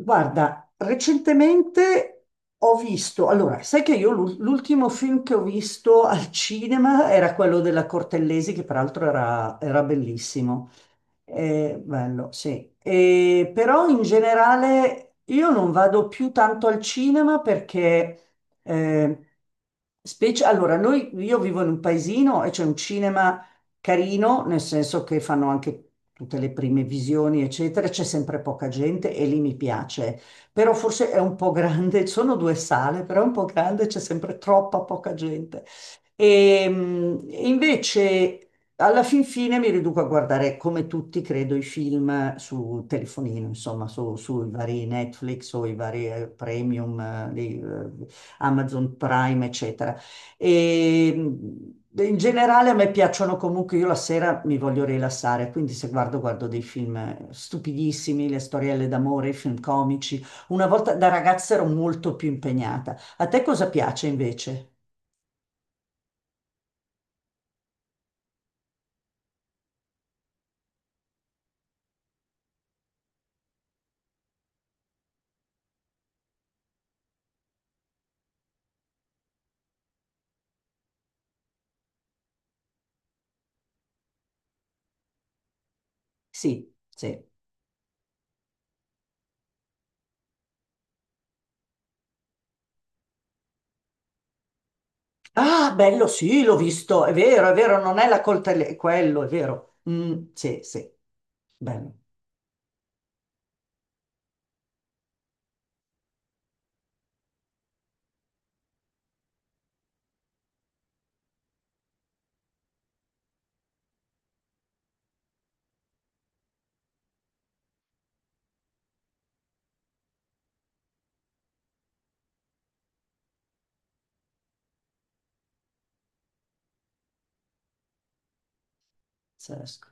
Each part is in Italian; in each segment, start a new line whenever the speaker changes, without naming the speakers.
Guarda, recentemente ho visto, allora, sai che l'ultimo film che ho visto al cinema era quello della Cortellesi, che peraltro era bellissimo. Bello, sì. Però in generale io non vado più tanto al cinema perché, eh, specie, allora, noi, io vivo in un paesino e c'è un cinema carino, nel senso che fanno anche tutte le prime visioni, eccetera, c'è sempre poca gente e lì mi piace, però forse è un po' grande, sono due sale, però è un po' grande, c'è sempre troppa poca gente. E, invece alla fin fine mi riduco a guardare, come tutti credo, i film su telefonino, insomma, sui vari Netflix o i vari premium, di Amazon Prime, eccetera. E in generale a me piacciono comunque, io la sera mi voglio rilassare, quindi se guardo dei film stupidissimi, le storielle d'amore, i film comici. Una volta da ragazza ero molto più impegnata. A te cosa piace invece? Sì, sì. Ah, bello, sì, l'ho visto, è vero, non è la coltelletta, è quello, è vero. Mm, sì, sì, bello, pazzesco.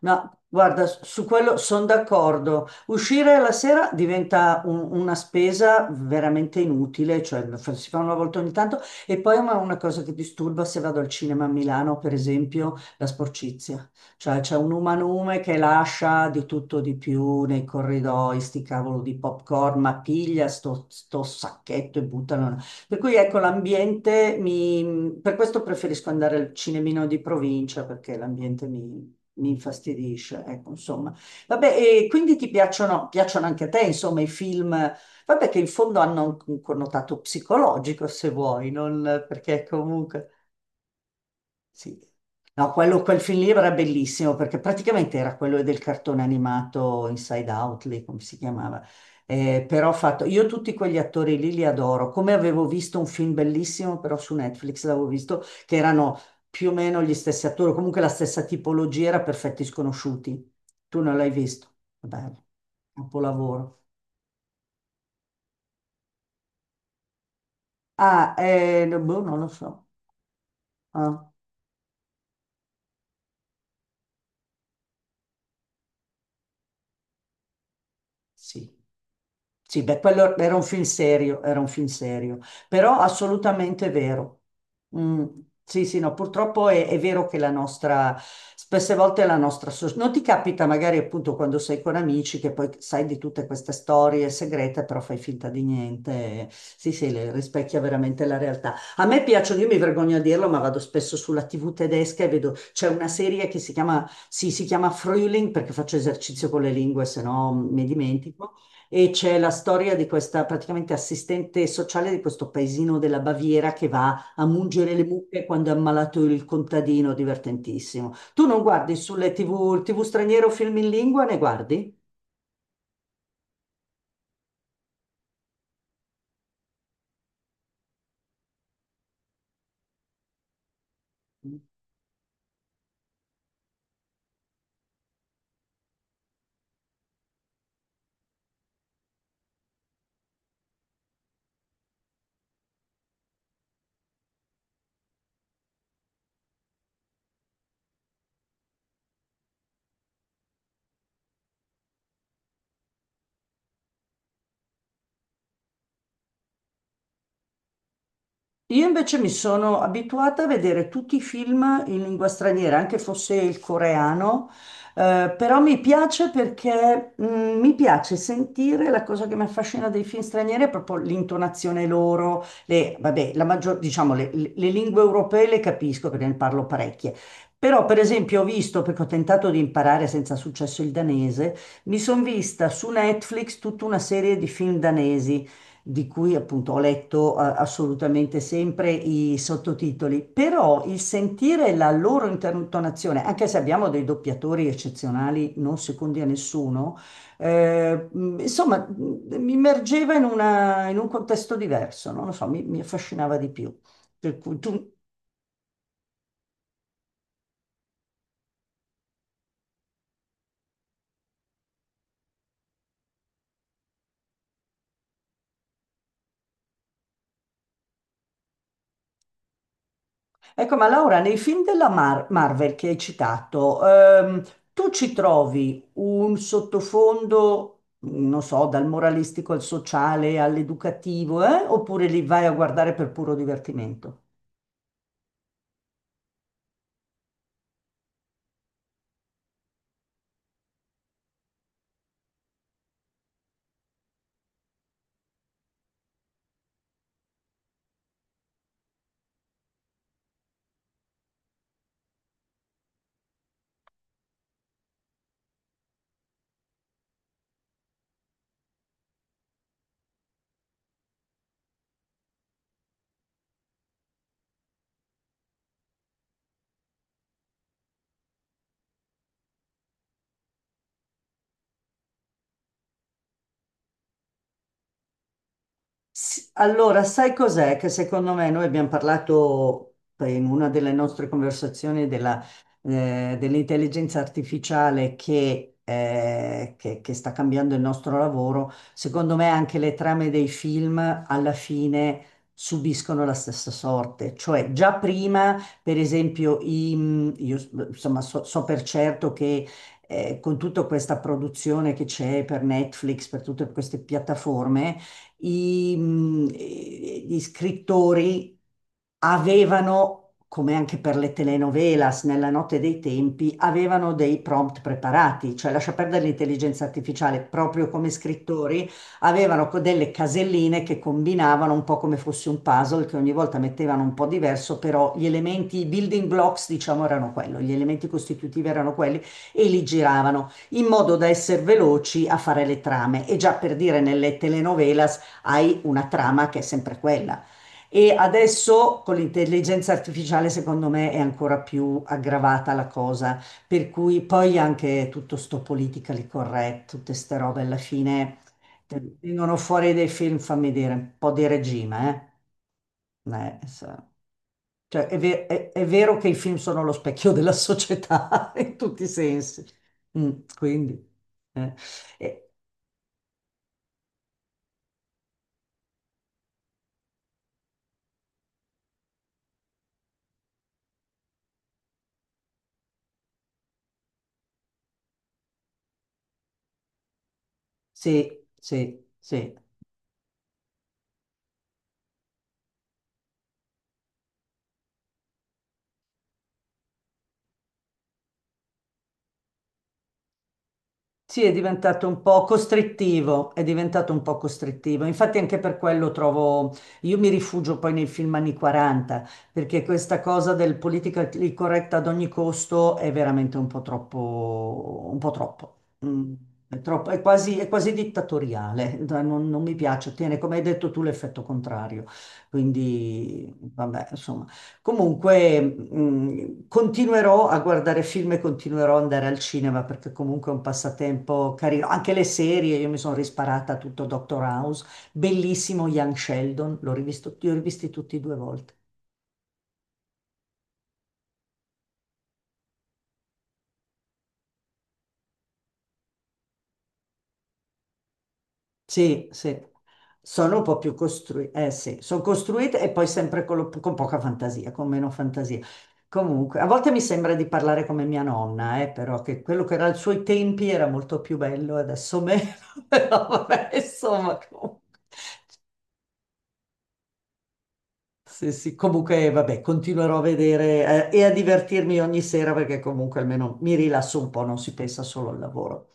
No, guarda, su quello sono d'accordo. Uscire la sera diventa una spesa veramente inutile, cioè si fa una volta ogni tanto. E poi ma una cosa che disturba se vado al cinema a Milano, per esempio, la sporcizia. Cioè c'è un umanume che lascia di tutto di più nei corridoi, sti cavolo di popcorn, ma piglia sto sacchetto e buttano. Per cui ecco, l'ambiente mi... Per questo preferisco andare al cinemino di provincia, perché l'ambiente mi infastidisce, ecco, insomma. Vabbè, e quindi ti piacciono anche a te, insomma, i film, vabbè, che in fondo hanno un connotato psicologico, se vuoi, non perché comunque... Sì. No, quello, quel film lì era bellissimo perché praticamente era quello del cartone animato Inside Out, lì, come si chiamava. Però ho fatto, io tutti quegli attori lì li adoro. Come avevo visto un film bellissimo, però su Netflix l'avevo visto, che erano più o meno gli stessi attori, comunque la stessa tipologia, era Perfetti Sconosciuti. Tu non l'hai visto? Bello, capolavoro. Ah, no, boh, non lo so. Ah. Sì. Sì, beh, quello era un film serio, era un film serio, però assolutamente vero. Mm, sì, sì, no, purtroppo è vero che la nostra, spesse volte la nostra, non ti capita magari appunto quando sei con amici che poi sai di tutte queste storie segrete, però fai finta di niente. Sì, sì, le rispecchia veramente la realtà. A me piacciono, io mi vergogno a dirlo, ma vado spesso sulla TV tedesca e vedo, c'è una serie che si chiama sì, si chiama Frühling perché faccio esercizio con le lingue, se no mi dimentico. E c'è la storia di questa praticamente assistente sociale di questo paesino della Baviera che va a mungere le mucche quando è ammalato il contadino, divertentissimo. Tu non guardi sulle TV straniere o film in lingua, ne guardi? Io invece mi sono abituata a vedere tutti i film in lingua straniera, anche fosse il coreano, però mi piace perché mi piace sentire, la cosa che mi affascina dei film stranieri è proprio l'intonazione loro, le, vabbè, la maggior, diciamo, le lingue europee le capisco perché ne parlo parecchie. Però, per esempio, ho visto, perché ho tentato di imparare senza successo il danese, mi sono vista su Netflix tutta una serie di film danesi di cui appunto ho letto assolutamente sempre i sottotitoli, però il sentire la loro intonazione, anche se abbiamo dei doppiatori eccezionali, non secondi a nessuno, insomma, mi immergeva in un contesto diverso, no? Non lo so, mi affascinava di più. Per cui tu... Ecco, ma Laura, nei film Marvel che hai citato, tu ci trovi un sottofondo, non so, dal moralistico al sociale, all'educativo, eh? Oppure li vai a guardare per puro divertimento? Sì. Allora, sai cos'è? Che secondo me noi abbiamo parlato in una delle nostre conversazioni della, dell'intelligenza artificiale che sta cambiando il nostro lavoro. Secondo me anche le trame dei film alla fine subiscono la stessa sorte. Cioè, già prima, per esempio, io insomma so per certo che con tutta questa produzione che c'è per Netflix, per tutte queste piattaforme, i, mh, gli scrittori avevano, come anche per le telenovelas nella notte dei tempi, avevano dei prompt preparati, cioè lascia perdere l'intelligenza artificiale, proprio come scrittori avevano delle caselline che combinavano un po' come fosse un puzzle, che ogni volta mettevano un po' diverso, però gli elementi, i building blocks, diciamo, erano quello, gli elementi costitutivi erano quelli e li giravano in modo da essere veloci a fare le trame. E già per dire nelle telenovelas hai una trama che è sempre quella. E adesso con l'intelligenza artificiale, secondo me, è ancora più aggravata la cosa, per cui poi anche tutto sto politically correct, tutte ste robe alla fine vengono fuori dei film, fammi dire, un po' di regime, eh? So. Cioè, è vero che i film sono lo specchio della società in tutti i sensi. Mm, quindi, eh, eh, sì, sì, sì. Sì, è diventato un po' costrittivo, è diventato un po' costrittivo. Infatti anche per quello trovo, io mi rifugio poi nei film anni 40, perché questa cosa del politically correct ad ogni costo è veramente un po' troppo, un po' troppo. Mm, è quasi dittatoriale, non mi piace, tiene, come hai detto tu, l'effetto contrario. Quindi, vabbè, comunque, continuerò a guardare film e continuerò ad andare al cinema perché comunque è un passatempo carino. Anche le serie, io mi sono risparata tutto Doctor House, bellissimo Young Sheldon, l'ho rivisto, li ho rivisti tutti due volte. Sì, sì, sono un po' più costruite, eh sì, sono costruite e poi sempre con, con poca fantasia, con meno fantasia. Comunque, a volte mi sembra di parlare come mia nonna, però che quello che era ai suoi tempi era molto più bello, adesso meno, però vabbè, insomma, comunque, sì, sì, comunque, vabbè, continuerò a vedere, e a divertirmi ogni sera perché comunque almeno mi rilasso un po', non si pensa solo al lavoro.